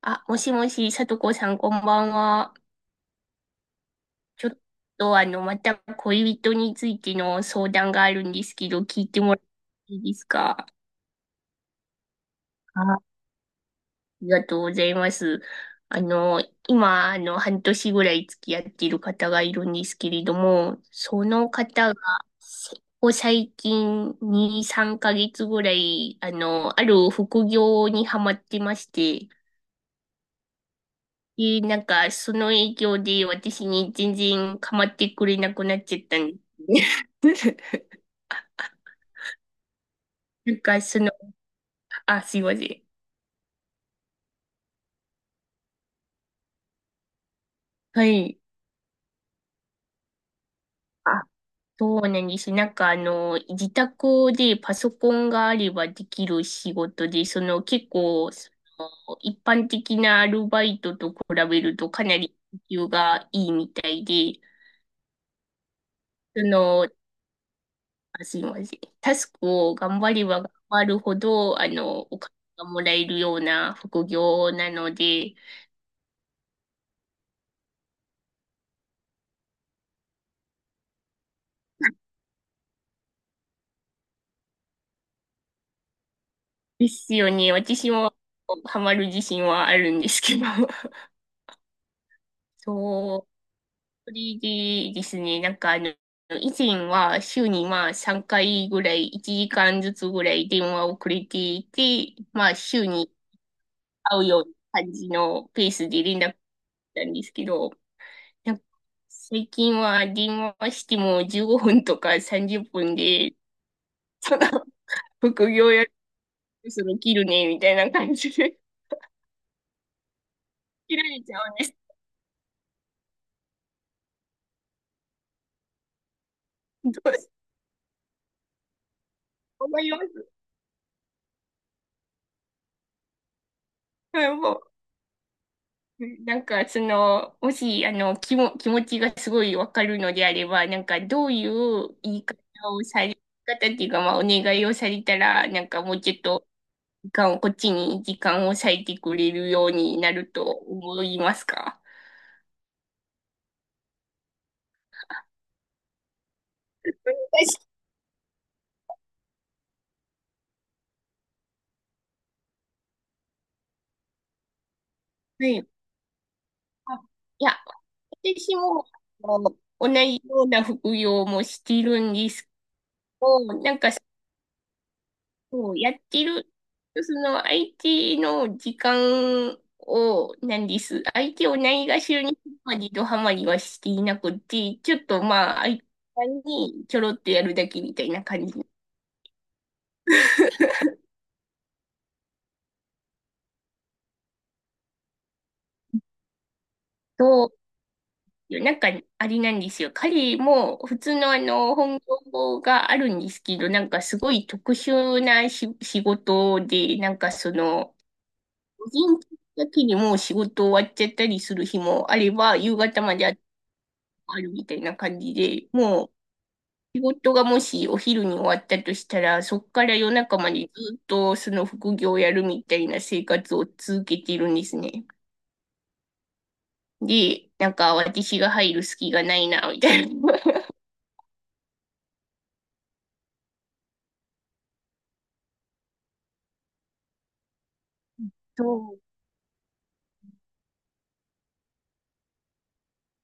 もしもし、さとこさん、こんばんは。ちょっと、また恋人についての相談があるんですけど、聞いてもらっていいですか？ありがとうございます。あの、今、あの、半年ぐらい付き合っている方がいるんですけれども、その方が、せここ最近2、3ヶ月ぐらい、ある副業にハマってまして、その影響で私に全然構ってくれなくなっちゃったんですね。なんか、その、あ、すいません。はい。あ、そうなんです。自宅でパソコンがあればできる仕事で、その、結構、その一般的なアルバイトと比べるとかなり時給がいいみたいで、その、すいません。タスクを頑張れば頑張るほど、お金がもらえるような副業なので、ですよね。私もハマる自信はあるんですけど。そう。それでですね、以前は週にまあ3回ぐらい、1時間ずつぐらい電話をくれていて、まあ週に会うような感じのペースで連絡したんですけど、なんか最近は電話しても15分とか30分で、その副業やるそろ切るね、みたいな感じで 切られちゃうんです。どう思います？はいもう、なんかその、もし、あの、気も、気持ちがすごいわかるのであれば、なんかどういう言い方をされ、言い方っていうか、まあ、お願いをされたら、なんかもうちょっと、時間を、こっちに時間を割いてくれるようになると思いますか？はい。はいあいや私も、あの同じような服用もしているんですけど、なんか、そうやってる、その IT の時間を、なんです。IT をないがしろにするまでドハマりはしていなくて、ちょっとまあ、IT にちょろっとやるだけみたいな感じと、なんか、あれなんですよ。彼も普通のあの、本業があるんですけど、なんかすごい特殊なし仕事で、なんかその、個人的だけでもう仕事終わっちゃったりする日もあれば、夕方まであるみたいな感じで、もう仕事がもしお昼に終わったとしたら、そこから夜中までずっとその副業をやるみたいな生活を続けているんですね。で、なんか私が入る隙がないな、みたいな。そう、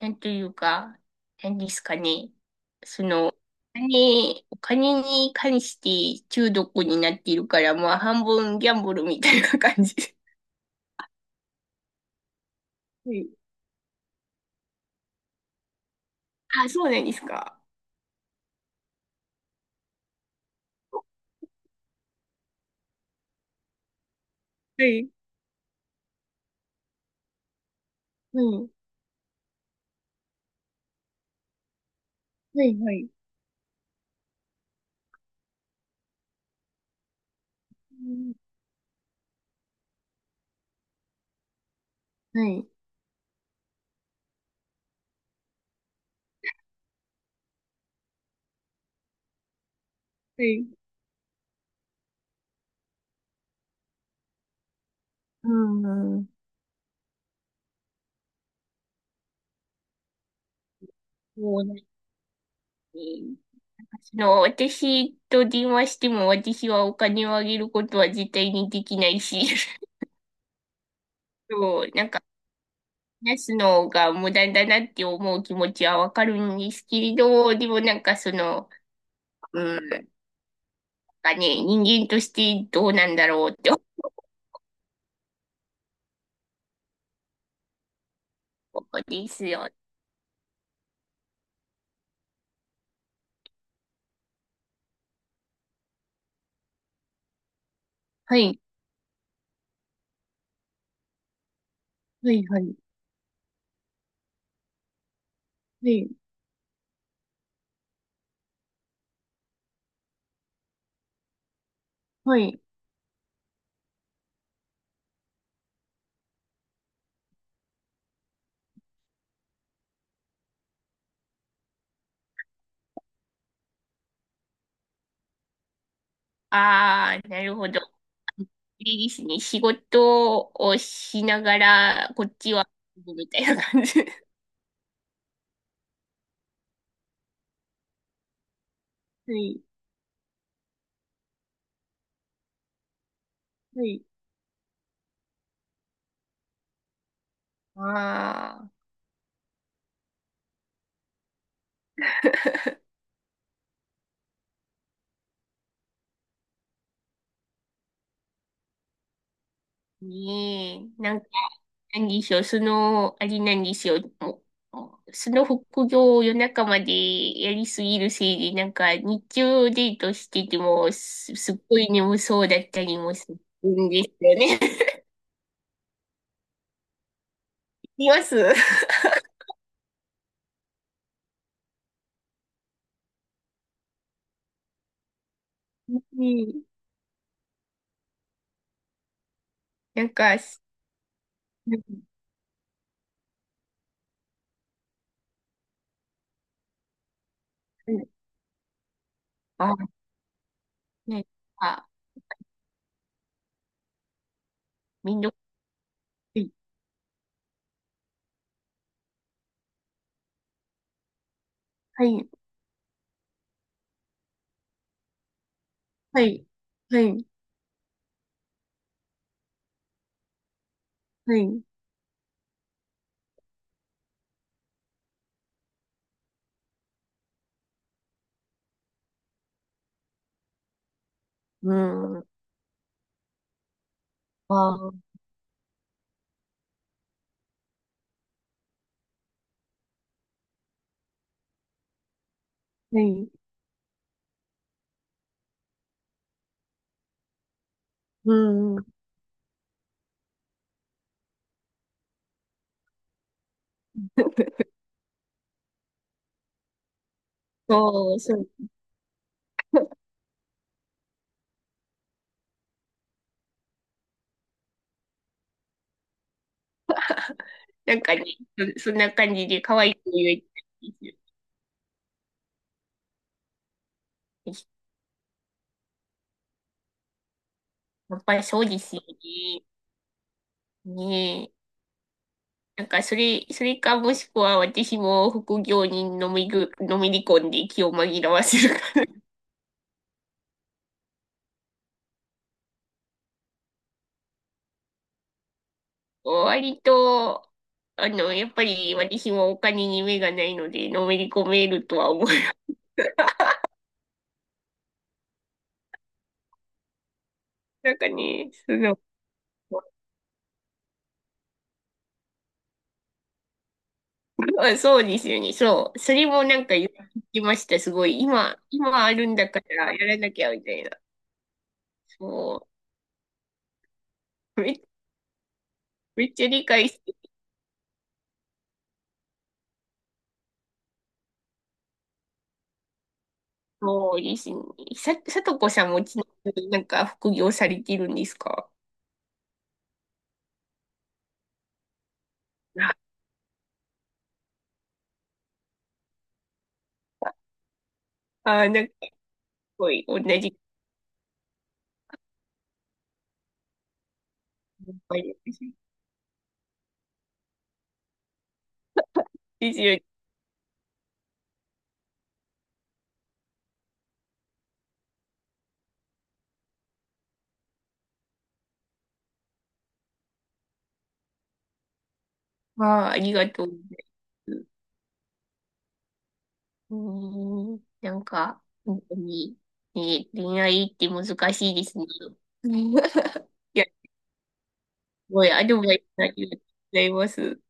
なんというか、何ですかね。その、お金、お金に関して中毒になっているから、まあ半分ギャンブルみたいな感じ。はい。あ、そうなんですか？はい。はい。はい。はい。うんはい。はい。うん。そうなんですね。あの、私と電話しても私はお金をあげることは絶対にできないし、そう、なんか話すのが無駄だなって思う気持ちはわかるんですけれど、でもなんかその、うん、なんかね、人間としてどうなんだろうって 思うんですよ。はい。はい。はい。はい。はい。ああ、なるほど。いいですね。仕事をしながら、こっちは、みたいな感じ。はい。はい。ああ、ねえ。なんか、何でしょう。その、あれなんですよ。もうその副業を夜中までやりすぎるせいで、なんか、日中デートしてても、す、すっごい眠そうだったりもするんですよね。います。うん。なんか、すうんあ、ね、あ、めんどくさい。はい。はい。はい。はい。うん。ああ、はい。うんん。そう、そう。なんかね、そそんな感じで可愛い子言えたんするやっぱりそうですよね。ねえ。なんかそれ、それかもしくは私も副業にのめぐ、のめり込んで気を紛らわせるかな。割と、あの、やっぱり私もお金に目がないので、のめり込めるとは思う。なんかね、その、まあそうですよね。そう。それもなんか言ってました。すごい。今、今あるんだからやらなきゃみたいな。そう。め、めっちゃ理解して、そうですね。さ、さとこさんもちなみになんか副業されてるんですか？ああー、なんかすごい同じ考えです。ですよね。ああ、ありがとうございます。うーん。なんか、本当に、ね、恋愛って難しいですね。いや、すごいアドバイスありがとうございます。